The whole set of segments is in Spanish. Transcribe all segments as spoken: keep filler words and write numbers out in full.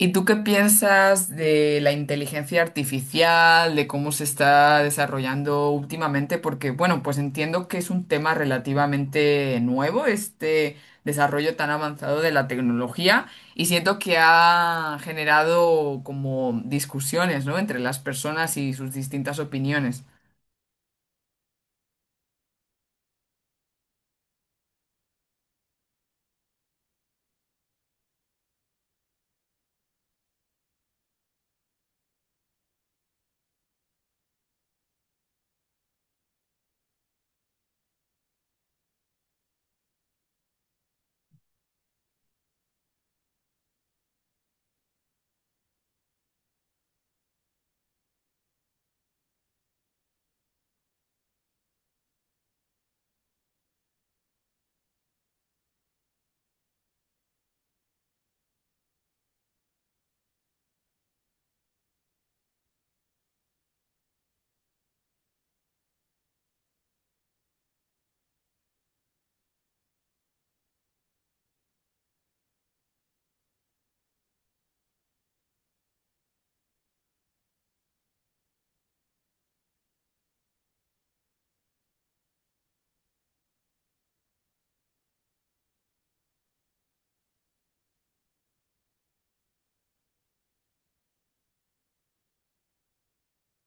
¿Y tú qué piensas de la inteligencia artificial, de cómo se está desarrollando últimamente? Porque, bueno, pues entiendo que es un tema relativamente nuevo, este desarrollo tan avanzado de la tecnología, y siento que ha generado como discusiones, ¿no? Entre las personas y sus distintas opiniones.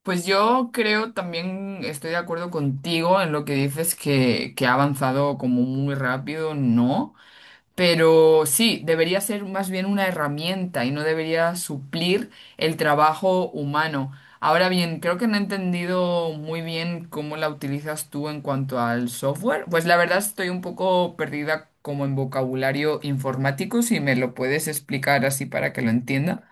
Pues yo creo también estoy de acuerdo contigo en lo que dices que, que ha avanzado como muy rápido, ¿no? Pero sí, debería ser más bien una herramienta y no debería suplir el trabajo humano. Ahora bien, creo que no he entendido muy bien cómo la utilizas tú en cuanto al software. Pues la verdad estoy un poco perdida como en vocabulario informático, si me lo puedes explicar así para que lo entienda.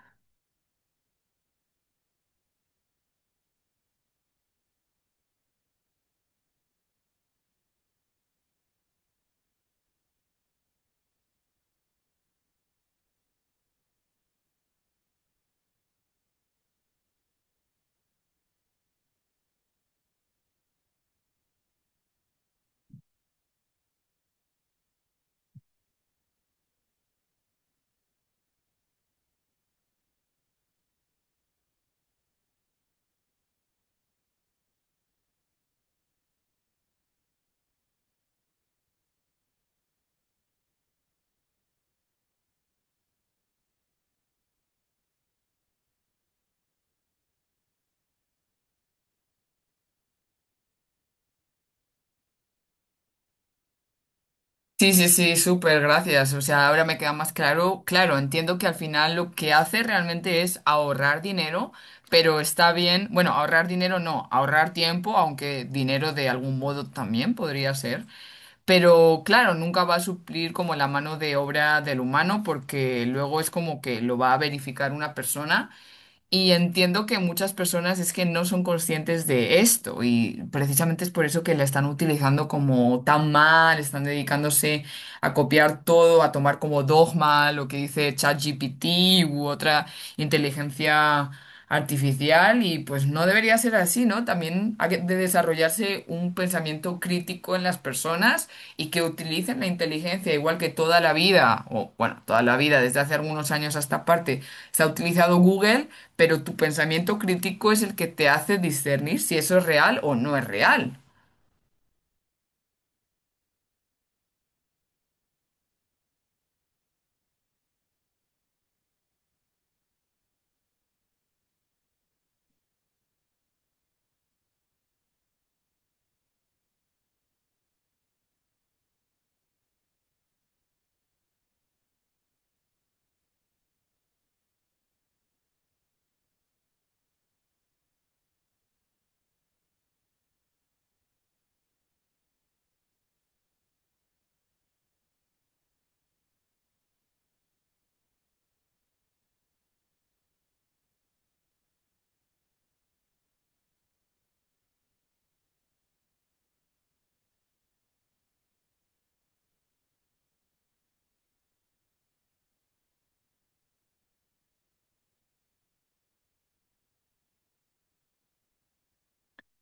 Sí, sí, sí, súper, gracias. O sea, ahora me queda más claro. Claro, entiendo que al final lo que hace realmente es ahorrar dinero, pero está bien, bueno, ahorrar dinero no, ahorrar tiempo, aunque dinero de algún modo también podría ser. Pero claro, nunca va a suplir como la mano de obra del humano porque luego es como que lo va a verificar una persona y entiendo que muchas personas es que no son conscientes de esto y precisamente es por eso que la están utilizando como tan mal, están dedicándose a copiar todo, a tomar como dogma lo que dice ChatGPT u otra inteligencia artificial y pues no debería ser así, ¿no? También ha que- de desarrollarse un pensamiento crítico en las personas y que utilicen la inteligencia igual que toda la vida, o bueno, toda la vida, desde hace algunos años a esta parte, se ha utilizado Google, pero tu pensamiento crítico es el que te hace discernir si eso es real o no es real.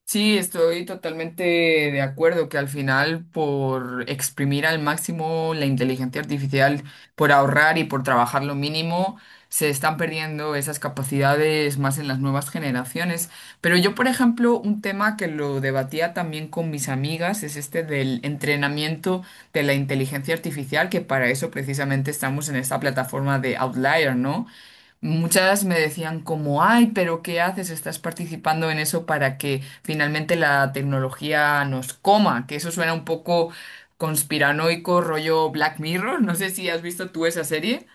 Sí, estoy totalmente de acuerdo que al final por exprimir al máximo la inteligencia artificial, por ahorrar y por trabajar lo mínimo, se están perdiendo esas capacidades más en las nuevas generaciones. Pero yo, por ejemplo, un tema que lo debatía también con mis amigas es este del entrenamiento de la inteligencia artificial, que para eso precisamente estamos en esta plataforma de Outlier, ¿no? Muchas me decían como, ay, pero ¿qué haces? Estás participando en eso para que finalmente la tecnología nos coma, que eso suena un poco conspiranoico, rollo Black Mirror. No sé si has visto tú esa serie.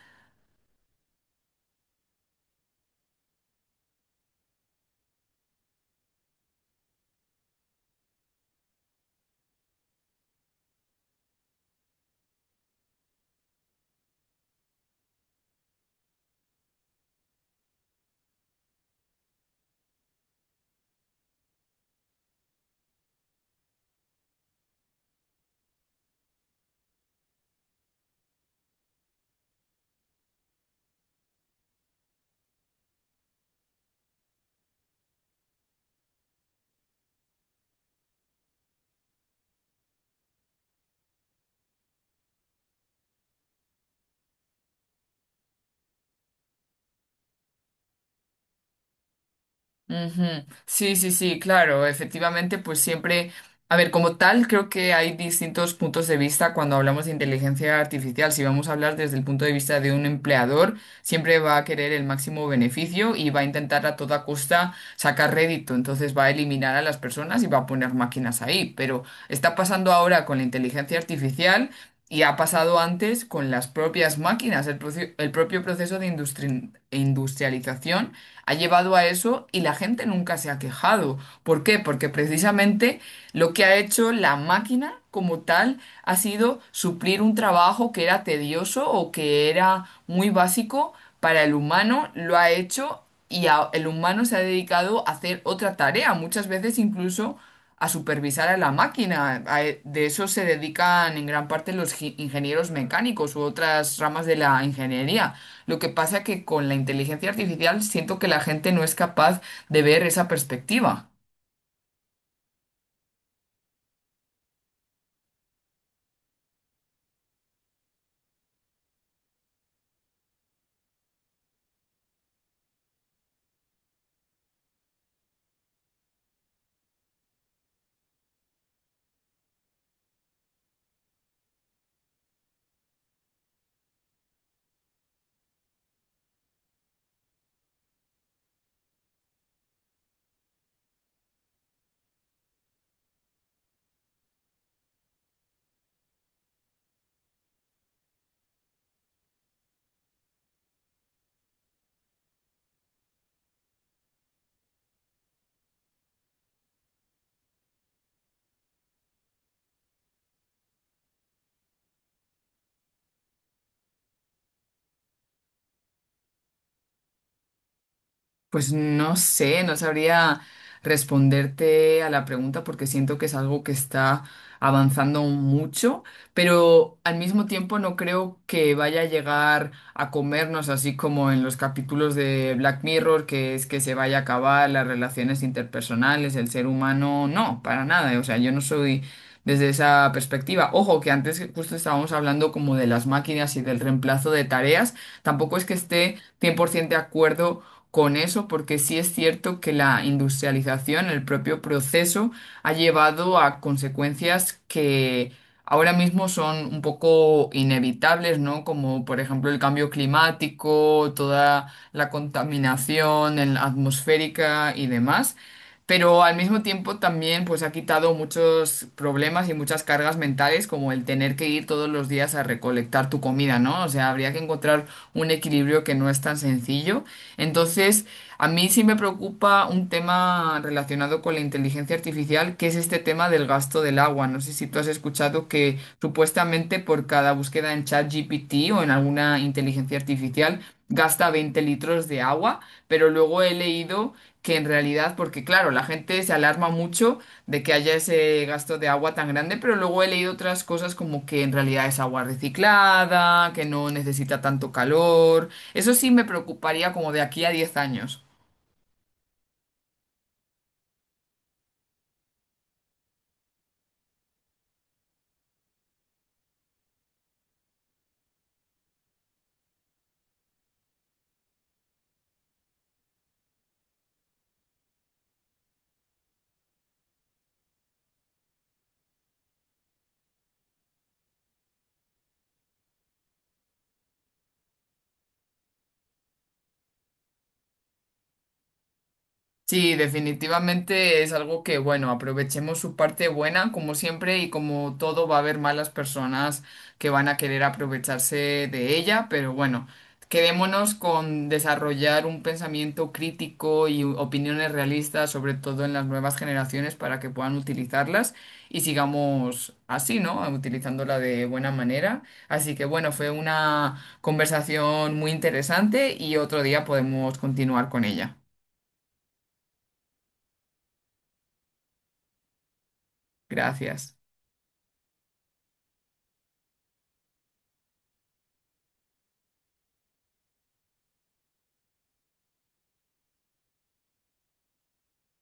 Ujú. Sí, sí, sí, claro, efectivamente, pues siempre, a ver, como tal, creo que hay distintos puntos de vista cuando hablamos de inteligencia artificial. Si vamos a hablar desde el punto de vista de un empleador, siempre va a querer el máximo beneficio y va a intentar a toda costa sacar rédito, entonces va a eliminar a las personas y va a poner máquinas ahí. Pero está pasando ahora con la inteligencia artificial. Y ha pasado antes con las propias máquinas. El, proce- el propio proceso de industri- industrialización ha llevado a eso y la gente nunca se ha quejado. ¿Por qué? Porque precisamente lo que ha hecho la máquina como tal ha sido suplir un trabajo que era tedioso o que era muy básico para el humano, lo ha hecho y a- el humano se ha dedicado a hacer otra tarea, muchas veces incluso a supervisar a la máquina. A- e- De eso se dedican en gran parte los gi- ingenieros mecánicos u otras ramas de la ingeniería. Lo que pasa que con la inteligencia artificial siento que la gente no es capaz de ver esa perspectiva. Pues no sé, no sabría responderte a la pregunta porque siento que es algo que está avanzando mucho, pero al mismo tiempo no creo que vaya a llegar a comernos así como en los capítulos de Black Mirror, que es que se vaya a acabar las relaciones interpersonales, el ser humano, no, para nada, o sea, yo no soy desde esa perspectiva. Ojo, que antes justo estábamos hablando como de las máquinas y del reemplazo de tareas, tampoco es que esté cien por ciento de acuerdo con eso, porque sí es cierto que la industrialización, el propio proceso, ha llevado a consecuencias que ahora mismo son un poco inevitables, ¿no? Como por ejemplo el cambio climático, toda la contaminación en- atmosférica y demás, pero al mismo tiempo también pues ha quitado muchos problemas y muchas cargas mentales, como el tener que ir todos los días a recolectar tu comida, ¿no? O sea, habría que encontrar un equilibrio que no es tan sencillo. Entonces, a mí sí me preocupa un tema relacionado con la inteligencia artificial, que es este tema del gasto del agua. No sé si tú has escuchado que supuestamente por por cada búsqueda en ChatGPT o en alguna inteligencia artificial gasta veinte litros de agua, pero luego he leído que en realidad, porque claro, la gente se alarma mucho de que haya ese gasto de agua tan grande, pero luego he leído otras cosas como que en realidad es agua reciclada, que no necesita tanto calor. Eso sí me preocuparía como de aquí a diez años. Sí, definitivamente es algo que, bueno, aprovechemos su parte buena, como siempre, y como todo va a haber malas personas que van a querer aprovecharse de ella, pero bueno, quedémonos con desarrollar un pensamiento crítico y opiniones realistas, sobre todo en las nuevas generaciones, para que puedan utilizarlas y sigamos así, ¿no? Utilizándola de buena manera. Así que bueno, fue una conversación muy interesante y otro día podemos continuar con ella. Gracias.